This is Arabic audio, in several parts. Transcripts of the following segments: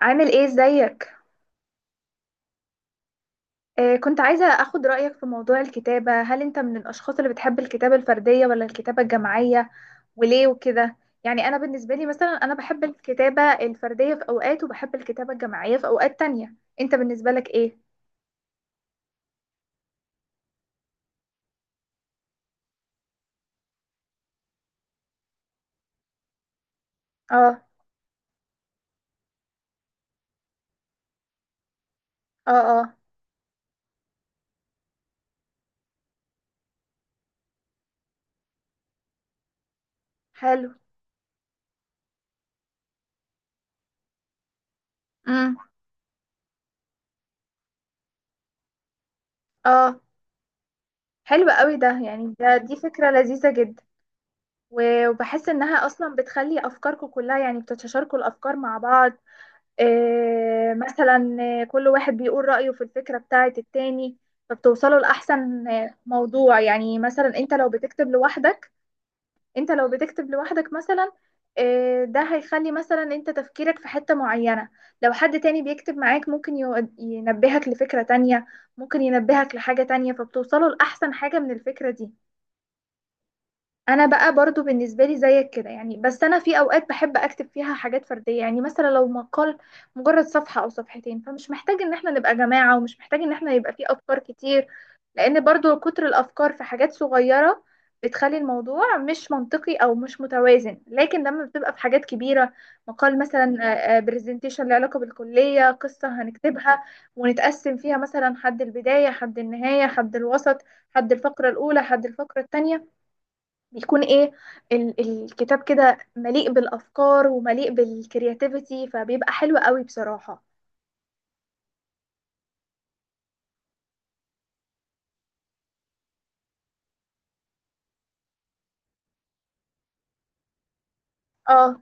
عامل ايه؟ ازيك؟ كنت عايزة اخد رأيك في موضوع الكتابة. هل انت من الاشخاص اللي بتحب الكتابة الفردية ولا الكتابة الجماعية؟ وليه وكده؟ يعني انا بالنسبة لي مثلا انا بحب الكتابة الفردية في اوقات وبحب الكتابة الجماعية في اوقات تانية. انت بالنسبة لك ايه؟ اه، اه، اه، حلو. امم، اه، حلو قوي ده، يعني دي فكرة لذيذة جدا. وبحس انها اصلا بتخلي افكاركم كلها، يعني بتتشاركوا الافكار مع بعض. مثلا كل واحد بيقول رأيه في الفكرة بتاعة التاني، فبتوصلوا لأحسن موضوع. يعني مثلا انت لو بتكتب لوحدك، انت لو بتكتب لوحدك مثلا ده هيخلي مثلا انت تفكيرك في حتة معينة. لو حد تاني بيكتب معاك ممكن ينبهك لفكرة تانية، ممكن ينبهك لحاجة تانية، فبتوصلوا لأحسن حاجة من الفكرة دي. انا بقى برضو بالنسبه لي زيك كده يعني، بس انا في اوقات بحب اكتب فيها حاجات فرديه، يعني مثلا لو مقال مجرد صفحه او صفحتين، فمش محتاج ان احنا نبقى جماعه، ومش محتاج ان احنا يبقى فيه افكار كتير. لان برضو كتر الافكار في حاجات صغيره بتخلي الموضوع مش منطقي او مش متوازن. لكن لما بتبقى في حاجات كبيره، مقال مثلا، برزنتيشن له علاقه بالكليه، قصه هنكتبها ونتقسم فيها مثلا، حد البدايه حد النهايه حد الوسط، حد الفقره الاولى حد الفقره الثانيه، بيكون ايه؟ الكتاب كده مليء بالافكار ومليء بالكرياتيفيتي، فبيبقى حلو قوي بصراحه. اه،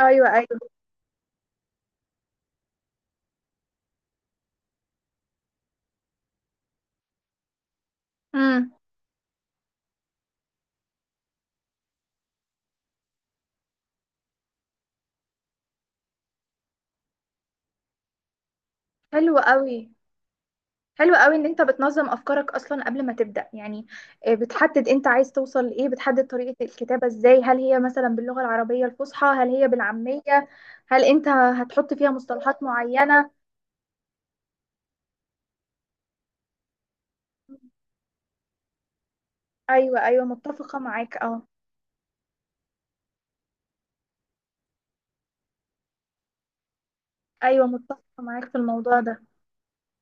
ايوه، ايوه، امم، حلو قوي، حلو قوي ان انت بتنظم افكارك اصلا قبل ما تبدا يعني. بتحدد انت عايز توصل لايه، بتحدد طريقه الكتابه ازاي، هل هي مثلا باللغه العربيه الفصحى، هل هي بالعاميه، هل انت هتحط فيها مصطلحات معينه؟ ايوه، ايوه، متفقه معاك. اه، ايوه، متفقه معاك في الموضوع ده.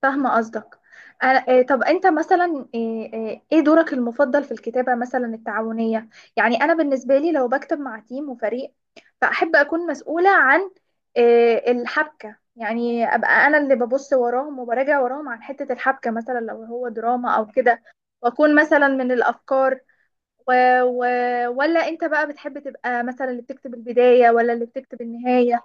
فاهمة قصدك. طب انت مثلا، ايه دورك المفضل في الكتابة مثلا التعاونية؟ يعني انا بالنسبة لي لو بكتب مع تيم وفريق، فاحب اكون مسؤولة عن الحبكة، يعني ابقى انا اللي ببص وراهم وبراجع وراهم عن حتة الحبكة، مثلا لو هو دراما او كده، واكون مثلا من الافكار و... و... ولا انت بقى بتحب تبقى مثلا اللي بتكتب البداية ولا اللي بتكتب النهاية؟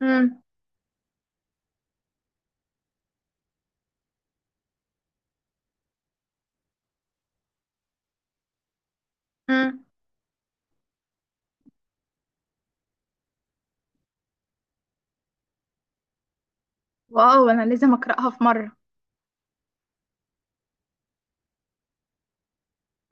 امم، امم، واو، انا لازم اقراها في مره.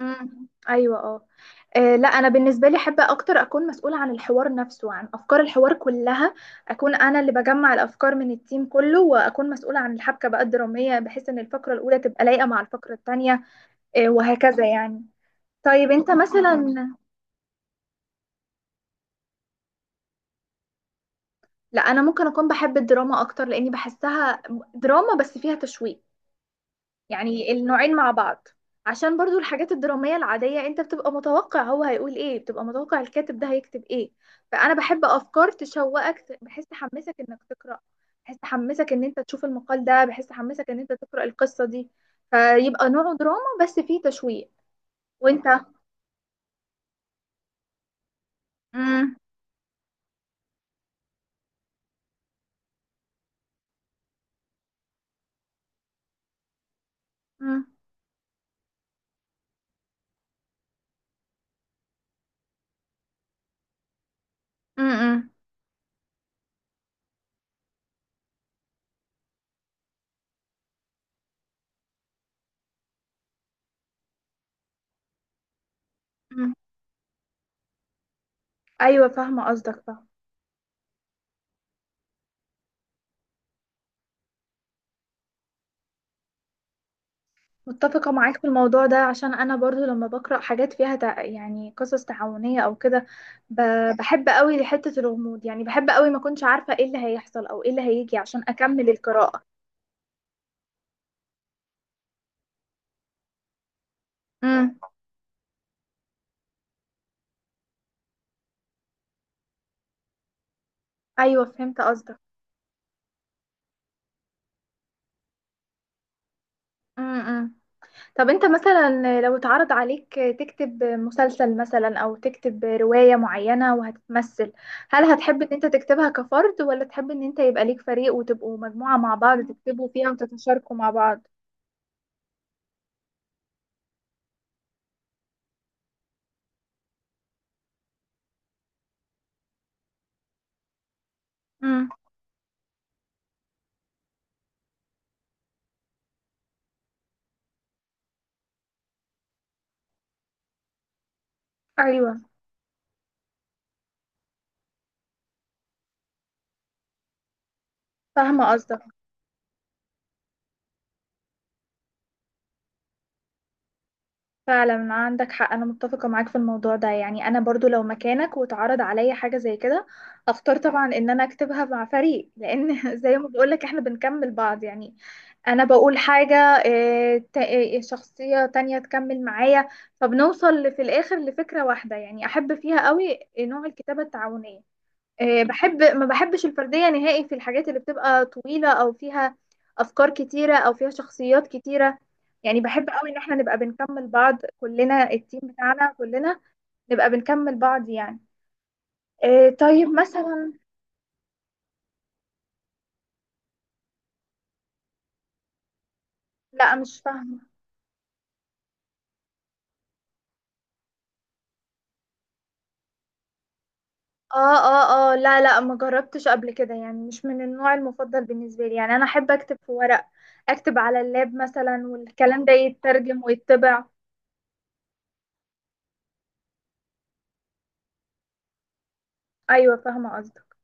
امم، ايوه، اه. لا انا بالنسبه لي احب اكتر اكون مسؤوله عن الحوار نفسه، عن افكار الحوار كلها. اكون انا اللي بجمع الافكار من التيم كله، واكون مسؤوله عن الحبكه بقى الدراميه، بحيث ان الفقره الاولى تبقى لايقه مع الفقره الثانيه وهكذا يعني. طيب انت مثلا، لا انا ممكن اكون بحب الدراما اكتر لاني بحسها دراما بس فيها تشويق، يعني النوعين مع بعض. عشان برضو الحاجات الدرامية العادية انت بتبقى متوقع هو هيقول ايه، بتبقى متوقع الكاتب ده هيكتب ايه. فانا بحب افكار تشوقك، بحيث تحمسك انك تقرأ، بحيث تحمسك ان انت تشوف المقال ده، بحيث تحمسك ان انت تقرأ القصة دي. فيبقى نوعه دراما بس فيه تشويق. وانت؟ مم. مم. مم. مم. ايوه فاهمة قصدك، فاهمة. متفقة معاك في الموضوع ده، عشان أنا برضو لما بقرأ حاجات فيها يعني قصص تعاونية أو كده، ب... بحب قوي حتة الغموض، يعني بحب قوي ما كنتش عارفة إيه اللي هيحصل أو إيه اللي هيجي عشان أكمل القراءة. امم، أيوة فهمت قصدك. امم، طب أنت مثلا لو اتعرض عليك تكتب مسلسل مثلا، أو تكتب رواية معينة وهتتمثل، هل هتحب إن أنت تكتبها كفرد، ولا تحب إن أنت يبقى ليك فريق وتبقوا مجموعة مع بعض تكتبوا فيها وتتشاركوا مع بعض؟ امم، أيوة فاهمة قصدك. فعلا عندك حق، انا متفقه معاك في الموضوع ده. يعني انا برضو لو مكانك واتعرض عليا حاجه زي كده، اختار طبعا ان انا اكتبها مع فريق، لان زي ما بقولك احنا بنكمل بعض يعني. انا بقول حاجه، شخصيه تانية تكمل معايا، فبنوصل في الاخر لفكره واحده. يعني احب فيها قوي نوع الكتابه التعاونيه. بحب، ما بحبش الفردية نهائي في الحاجات اللي بتبقى طويلة، أو فيها أفكار كتيرة، أو فيها شخصيات كتيرة. يعني بحب قوي إن احنا نبقى بنكمل بعض كلنا، التيم بتاعنا كلنا نبقى بنكمل بعض يعني. طيب مثلا، لا مش فاهمة. اه، اه، اه، لا، لا، ما جربتش قبل كده. يعني مش من النوع المفضل بالنسبة لي، يعني أنا أحب أكتب في ورق، أكتب على اللاب مثلا، والكلام ده يترجم ويتبع. أيوة فاهمة قصدك.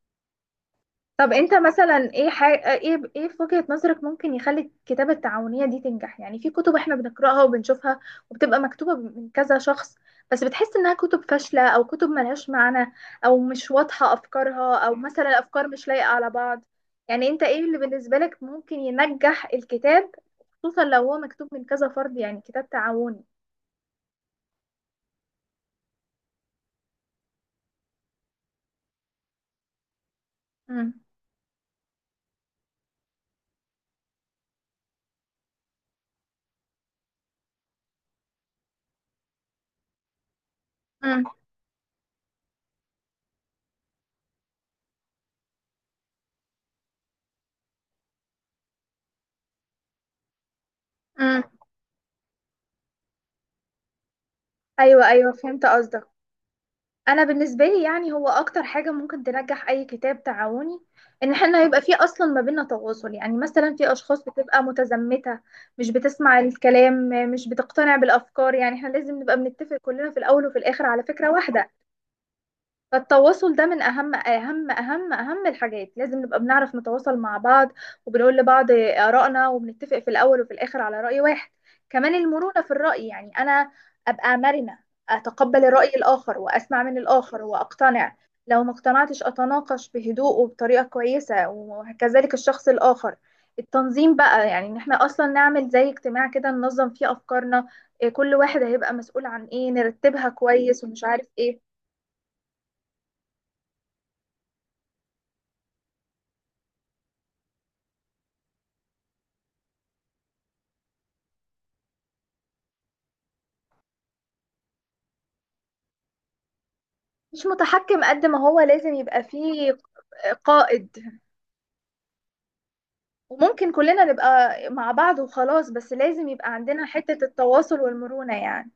طب انت مثلا ايه ايه، ايه في وجهة نظرك ممكن يخلي الكتابة التعاونية دي تنجح؟ يعني في كتب احنا بنقراها وبنشوفها وبتبقى مكتوبة من كذا شخص، بس بتحس انها كتب فاشلة، او كتب ملهاش معنى، او مش واضحة افكارها، او مثلا الافكار مش لايقة على بعض. يعني انت ايه اللي بالنسبة لك ممكن ينجح الكتاب، خصوصا لو هو مكتوب من كذا فرد، يعني كتاب تعاوني؟ امم، امم، امم، ايوه، ايوه فهمت قصدك. انا بالنسبه لي يعني، هو اكتر حاجه ممكن تنجح اي كتاب تعاوني، ان احنا يبقى فيه اصلا ما بيننا تواصل. يعني مثلا في اشخاص بتبقى متزمته، مش بتسمع الكلام، مش بتقتنع بالافكار. يعني احنا لازم نبقى بنتفق كلنا في الاول وفي الاخر على فكره واحده. فالتواصل ده من اهم الحاجات، لازم نبقى بنعرف نتواصل مع بعض، وبنقول لبعض آرائنا، وبنتفق في الاول وفي الاخر على رأي واحد. كمان المرونة في الرأي، يعني انا ابقى مرنة، اتقبل الرأي الاخر، واسمع من الاخر واقتنع. لو ما اقتنعتش اتناقش بهدوء وبطريقة كويسة، وكذلك الشخص الاخر. التنظيم بقى، يعني ان احنا اصلا نعمل زي اجتماع كده ننظم فيه افكارنا، إيه، كل واحد هيبقى مسؤول عن ايه، نرتبها كويس، ومش عارف ايه. مش متحكم قد ما هو لازم يبقى فيه قائد. وممكن كلنا نبقى مع بعض وخلاص، بس لازم يبقى عندنا حتة التواصل والمرونة يعني.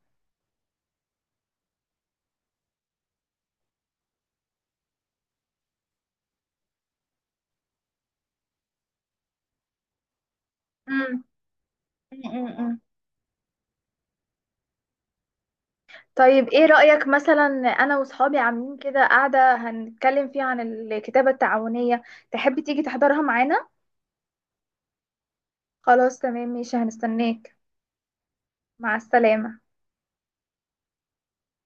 مم. مم. مم. طيب ايه رأيك مثلا؟ انا وصحابي عاملين كده قاعدة هنتكلم فيها عن الكتابة التعاونية، تحب تيجي تحضرها معانا؟ خلاص تمام، ماشي، هنستناك. مع السلامة.